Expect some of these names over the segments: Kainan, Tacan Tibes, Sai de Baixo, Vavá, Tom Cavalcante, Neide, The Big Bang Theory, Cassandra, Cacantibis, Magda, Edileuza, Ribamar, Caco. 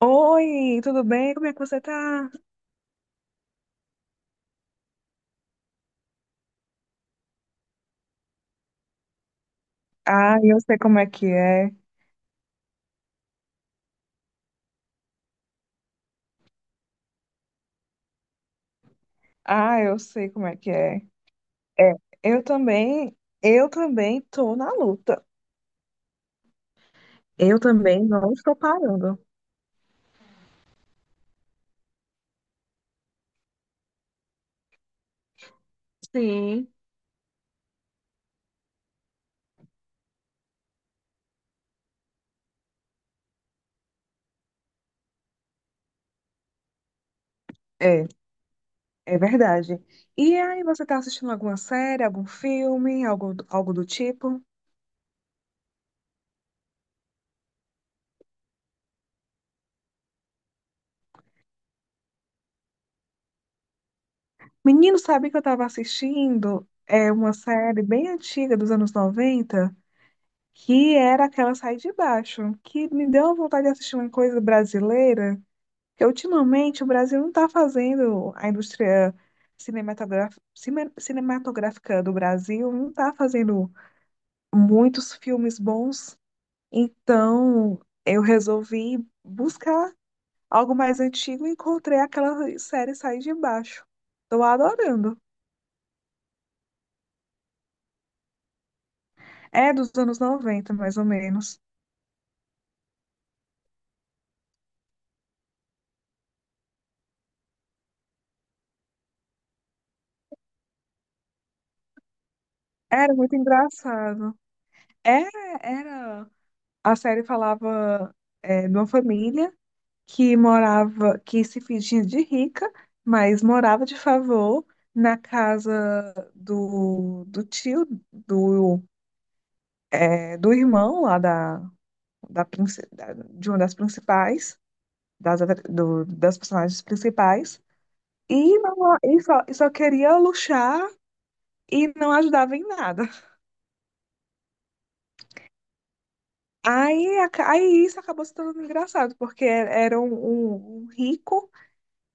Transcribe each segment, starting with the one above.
Oi, tudo bem? Como é que você tá? Ah, eu sei como é que é. Ah, eu sei como é que é. É, eu também, eu também tô na luta. Eu também não estou parando. Sim. É, é verdade. E aí, você tá assistindo alguma série, algum filme, algo do tipo? Menino, sabe que eu tava assistindo é uma série bem antiga dos anos 90, que era aquela Sai de Baixo, que me deu vontade de assistir uma coisa brasileira. Porque ultimamente o Brasil não está fazendo a indústria cinematográfica, cinematográfica do Brasil não está fazendo muitos filmes bons. Então eu resolvi buscar algo mais antigo, e encontrei aquela série Sai de Baixo. Estou adorando. É dos anos 90, mais ou menos. Era muito engraçado. Era, era. A série falava, de uma família que morava, que se fingia de rica, mas morava de favor na casa do tio, do irmão lá da de uma das principais, das das personagens principais, e, só queria luxar e não ajudava em nada. Aí, isso acabou se tornando engraçado, porque era um rico,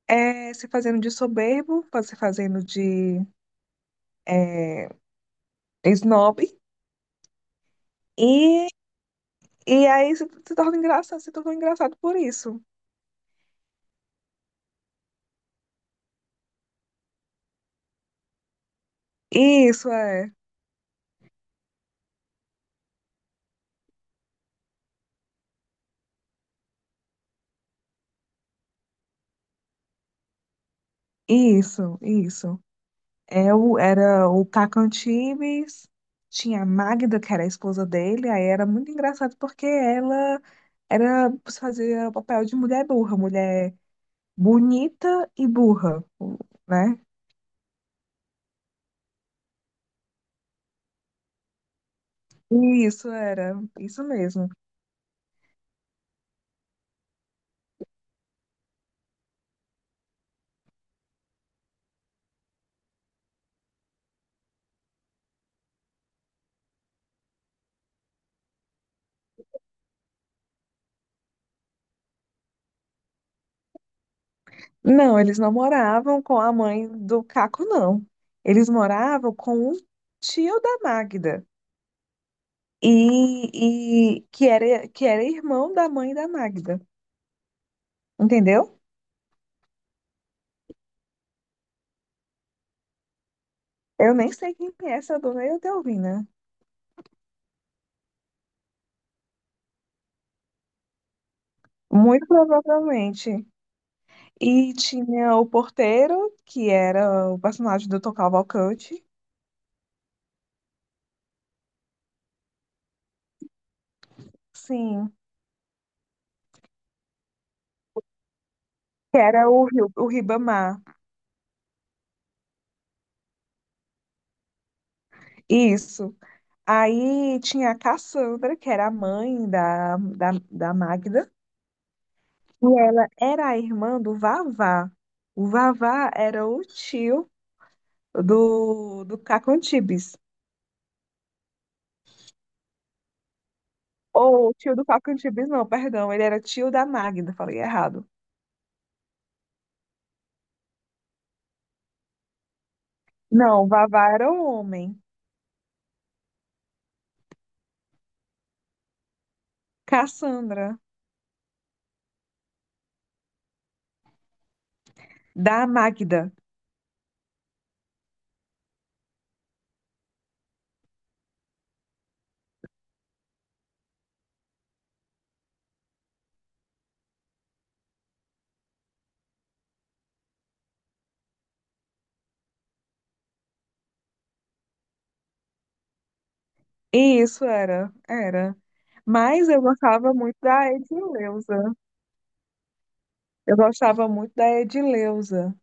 se fazendo de soberbo, se fazendo de é, snob. E, e aí se torna engraçado, se tornou engraçado por isso. Isso, é. Isso, isso. Era o Tacan Tibes. Tinha a Magda, que era a esposa dele. Aí era muito engraçado porque ela era fazia o papel de mulher burra, mulher bonita e burra, né? Isso era, isso mesmo. Não, eles não moravam com a mãe do Caco, não. Eles moravam com o tio da Magda. E que era irmão da mãe da Magda. Entendeu? Eu nem sei quem é essa dona Eudalvina. Muito provavelmente. E tinha o porteiro, que era o personagem do Tom Cavalcante. Sim. Que era o, o Ribamar. Isso. Aí tinha a Cassandra, que era a mãe da Magda. E ela era a irmã do Vavá. O Vavá era o tio do Cacantibis. Ou o tio do Cacantibis, não, perdão. Ele era tio da Magda, falei errado. Não, o Vavá era o homem. Cassandra, da Magda. Isso era, era. Mas eu gostava muito da Edileuza. Eu gostava muito da Edileuza.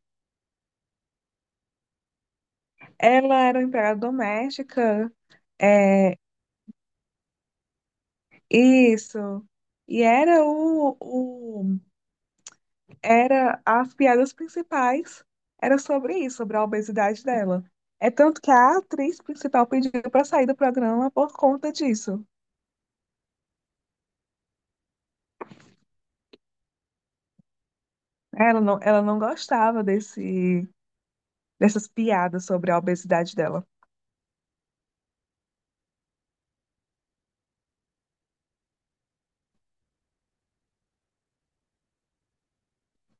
Ela era uma empregada doméstica. É, isso. E era o era as piadas principais era sobre isso, sobre a obesidade dela. É tanto que a atriz principal pediu para sair do programa por conta disso. Ela não gostava dessas piadas sobre a obesidade dela.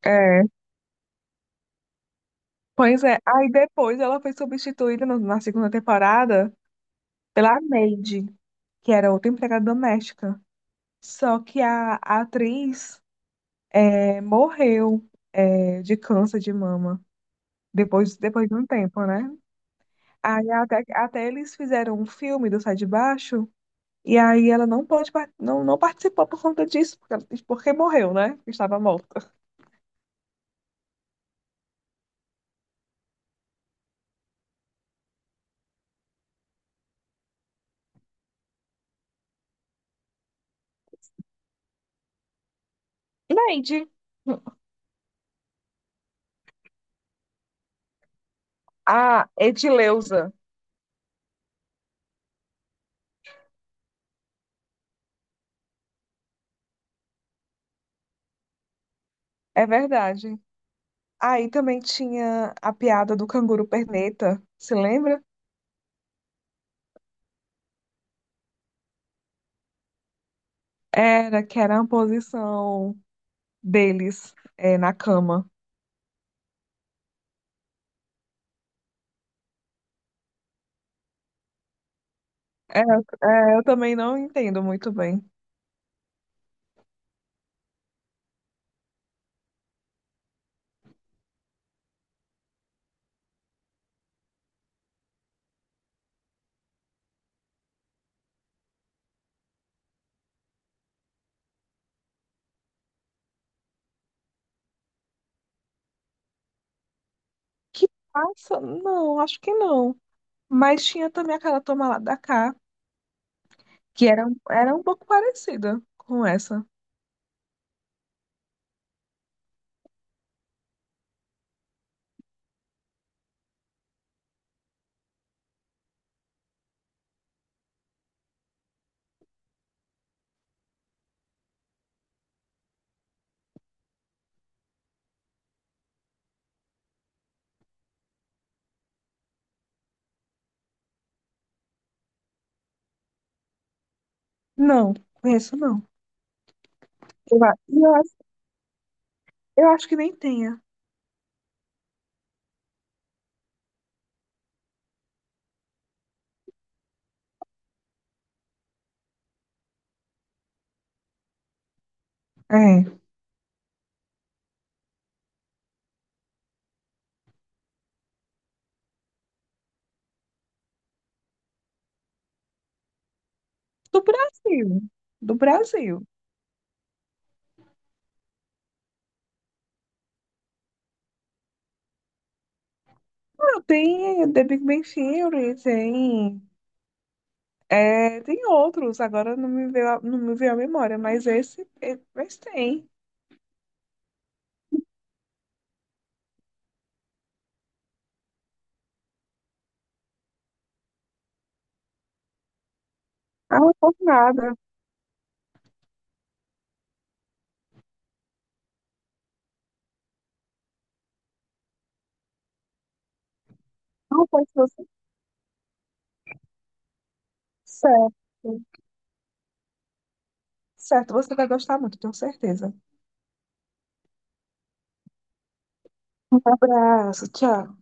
É, pois é. Aí depois ela foi substituída na segunda temporada pela Neide, que era outra empregada doméstica. Só que a atriz morreu, de câncer de mama, depois de um tempo, né? Aí até eles fizeram um filme do Sai de Baixo, e aí ela não pode, não, não participou por conta disso, porque, porque morreu, né? Estava morta. Neide. A Edileuza. É verdade. Aí também tinha a piada do canguru perneta, se lembra? Era, que era a posição deles, na cama. É, eu também não entendo muito bem. Que passa? Não, acho que não. Mas tinha também aquela Toma Lá da Cá, que era um pouco parecida com essa. Não, conheço não. Eu, a- eu, acho- eu acho que nem tenha. É. Do Brasil. Do Brasil. Ah, tem, The Big Bang Theory, tem. É, tem outros, agora não me veio a memória, mas esse, mas tem. Ah, não foi nada. Não foi se você. Certo. Certo, você vai gostar muito, tenho certeza. Um abraço, tchau.